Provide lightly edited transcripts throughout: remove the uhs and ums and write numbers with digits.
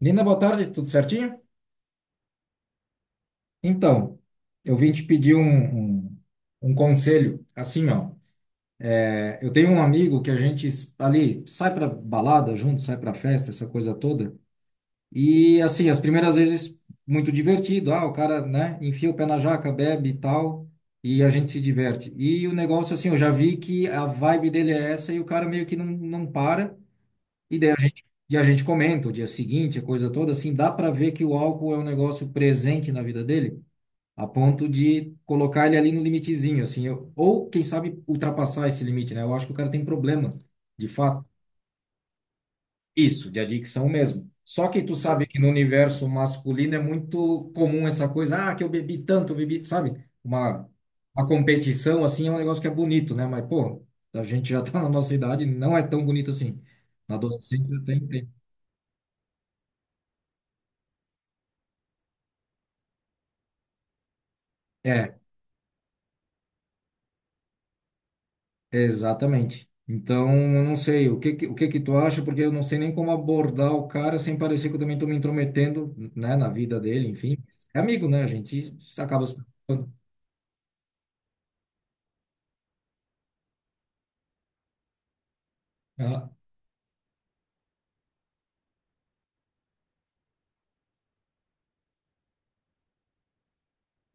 Linda, boa tarde, tudo certinho? Então, eu vim te pedir um conselho. Assim, ó, eu tenho um amigo que a gente ali sai pra balada junto, sai pra festa, essa coisa toda. E assim, as primeiras vezes muito divertido. Ah, o cara, né, enfia o pé na jaca, bebe e tal, e a gente se diverte. E o negócio, assim, eu já vi que a vibe dele é essa e o cara meio que não para. E daí a gente, e a gente comenta o dia seguinte, a coisa toda, assim, dá pra ver que o álcool é um negócio presente na vida dele, a ponto de colocar ele ali no limitezinho, assim, eu, ou quem sabe ultrapassar esse limite, né? Eu acho que o cara tem problema, de fato, isso, de adicção mesmo. Só que tu sabe que no universo masculino é muito comum essa coisa, ah, que eu bebi tanto, eu bebi, sabe? Uma competição, assim, é um negócio que é bonito, né? Mas, pô, a gente já tá na nossa idade, não é tão bonito assim. Na adolescência tem. É, exatamente. Então, eu não sei o que que tu acha, porque eu não sei nem como abordar o cara sem parecer que eu também estou me intrometendo, né, na vida dele, enfim. É amigo, né, gente? Isso acaba se preocupando. Ah,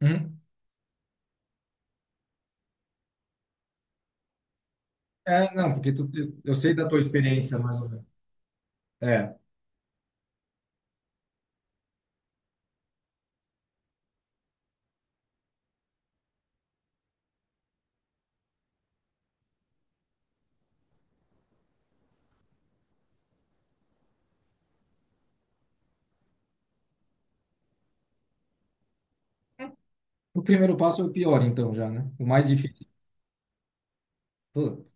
hum. É, não, porque tu, eu sei da tua experiência, mais ou menos. É. O primeiro passo é o pior, então, já, né? O mais difícil. Putz.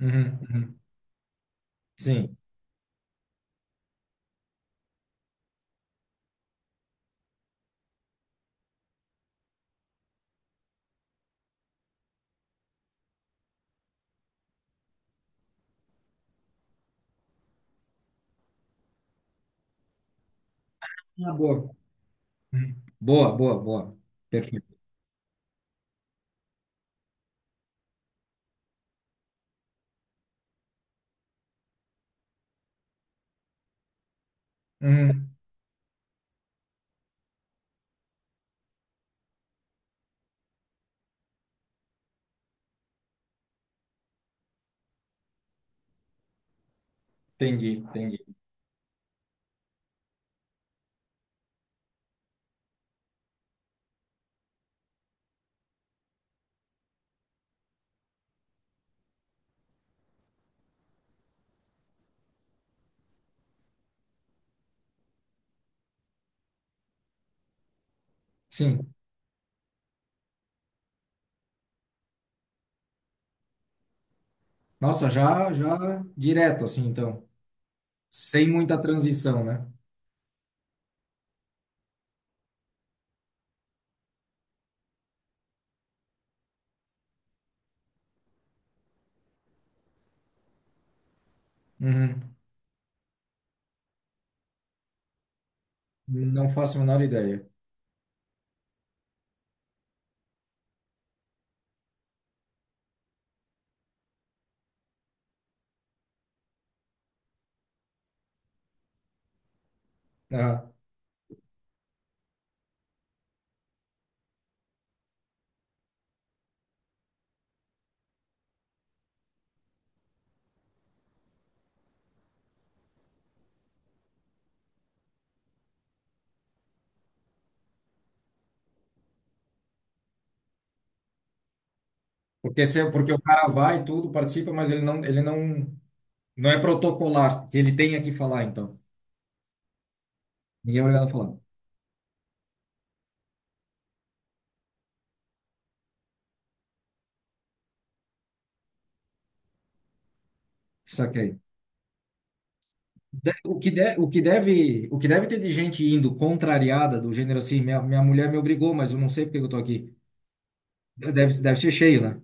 Uhum, uhum. Sim. Ah, boa. Uhum. Boa, boa, boa. Perfeito. Uhum. Entendi, entendi. Sim. Nossa, já, já direto, assim, então. Sem muita transição, né? Uhum. Não faço a menor ideia. Aham. Porque, se, porque o cara vai tudo, participa, mas ele não, não é protocolar, que ele tenha que falar, então. Ninguém é obrigado a falar. Só que aí. O que deve ter de gente indo contrariada, do gênero assim, minha mulher me obrigou, mas eu não sei porque eu tô aqui. Deve, deve ser cheio, né?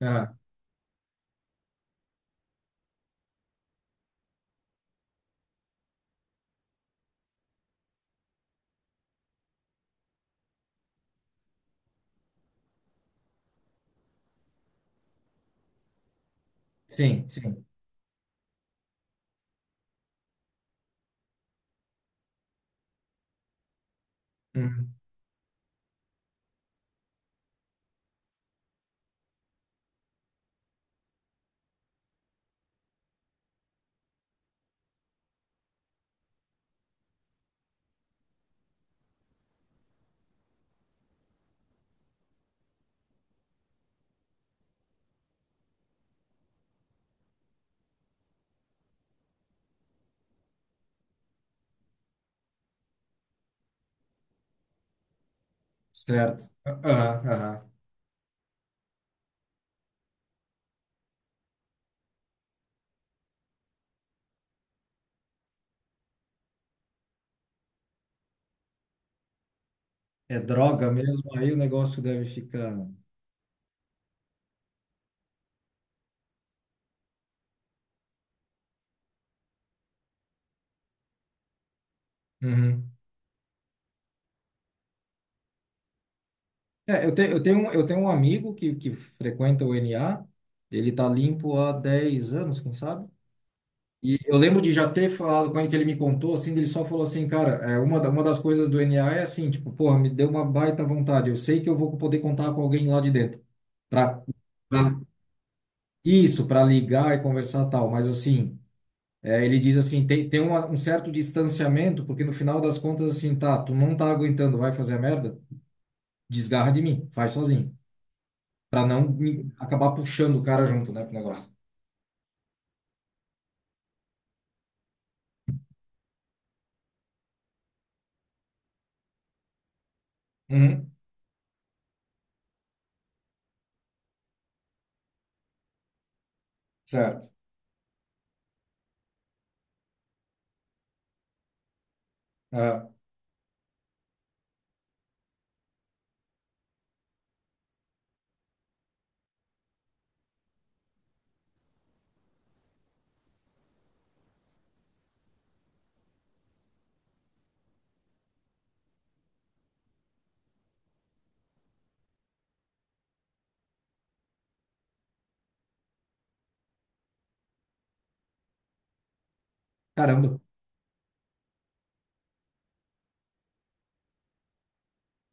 Ah, sim, sim. Uhum. Certo. Aham, aham. É droga mesmo, aí o negócio deve ficar. Uhum. É, eu, te, eu tenho um amigo que frequenta o NA, ele tá limpo há 10 anos, quem sabe? E eu lembro de já ter falado com ele, que ele me contou, assim, ele só falou assim, cara, é, uma, uma das coisas do NA é assim, tipo, porra, me deu uma baita vontade, eu sei que eu vou poder contar com alguém lá de dentro, pra, pra isso, pra ligar e conversar tal, mas assim, é, ele diz assim, um certo distanciamento, porque no final das contas, assim, tá, tu não tá aguentando, vai fazer a merda, desgarra de mim, faz sozinho. Pra não me- acabar puxando o cara junto, né, pro negócio. Uhum. Certo. É. Caramba.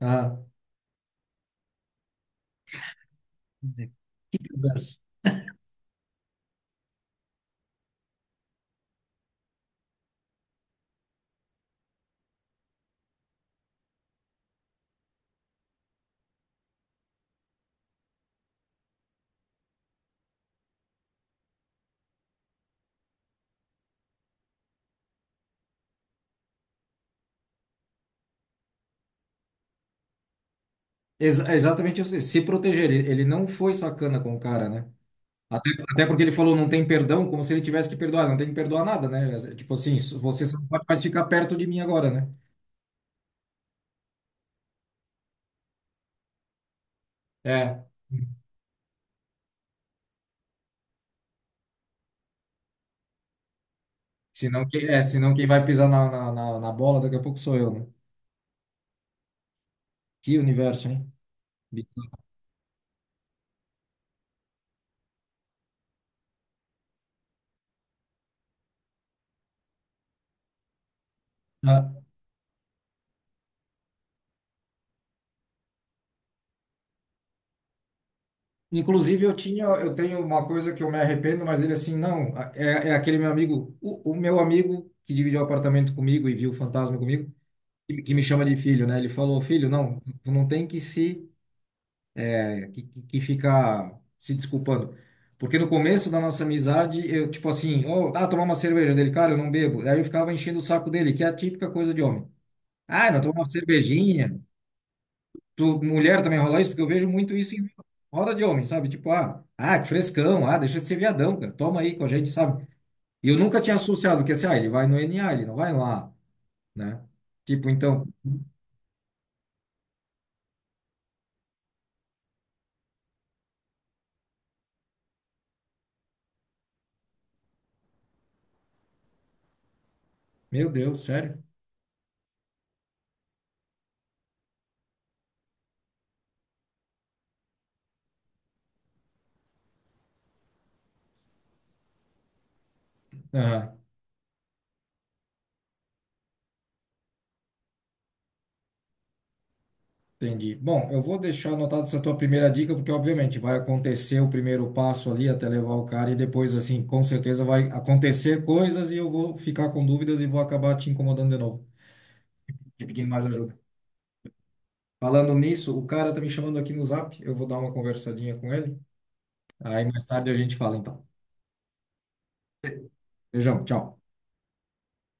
Ah, conversa. É exatamente isso. Se proteger. Ele não foi sacana com o cara, né? Até porque ele falou não tem perdão, como se ele tivesse que perdoar. Não tem que perdoar nada, né? Tipo assim, você só não pode mais ficar perto de mim agora, né? É. Senão, senão quem vai pisar na bola daqui a pouco sou eu, né? Que universo, hein? Bizarro. Ah. Inclusive, eu tenho uma coisa que eu me arrependo, mas ele assim, não, é aquele meu amigo, o meu amigo que dividiu o apartamento comigo e viu o fantasma comigo, que me chama de filho, né? Ele falou, filho, não, tu não tem que se, que ficar se desculpando. Porque no começo da nossa amizade, eu, tipo assim, oh, ah, tomar uma cerveja dele, cara, eu não bebo. Aí eu ficava enchendo o saco dele, que é a típica coisa de homem. Ah, não, tomar uma cervejinha. Tu, mulher também rola isso, porque eu vejo muito isso em roda de homem, sabe? Tipo, ah, ah, que frescão, ah, deixa de ser viadão, cara, toma aí com a gente, sabe? E eu nunca tinha associado, porque assim, ah, ele vai no NA, ele não vai lá, né? Tipo, então, meu Deus, sério? Aham, entendi. Bom, eu vou deixar anotada essa tua primeira dica, porque obviamente vai acontecer o primeiro passo ali até levar o cara, e depois, assim, com certeza vai acontecer coisas e eu vou ficar com dúvidas e vou acabar te incomodando de novo, te pedindo mais ajuda. Falando nisso, o cara tá me chamando aqui no Zap. Eu vou dar uma conversadinha com ele. Aí mais tarde a gente fala então. Beijão, tchau.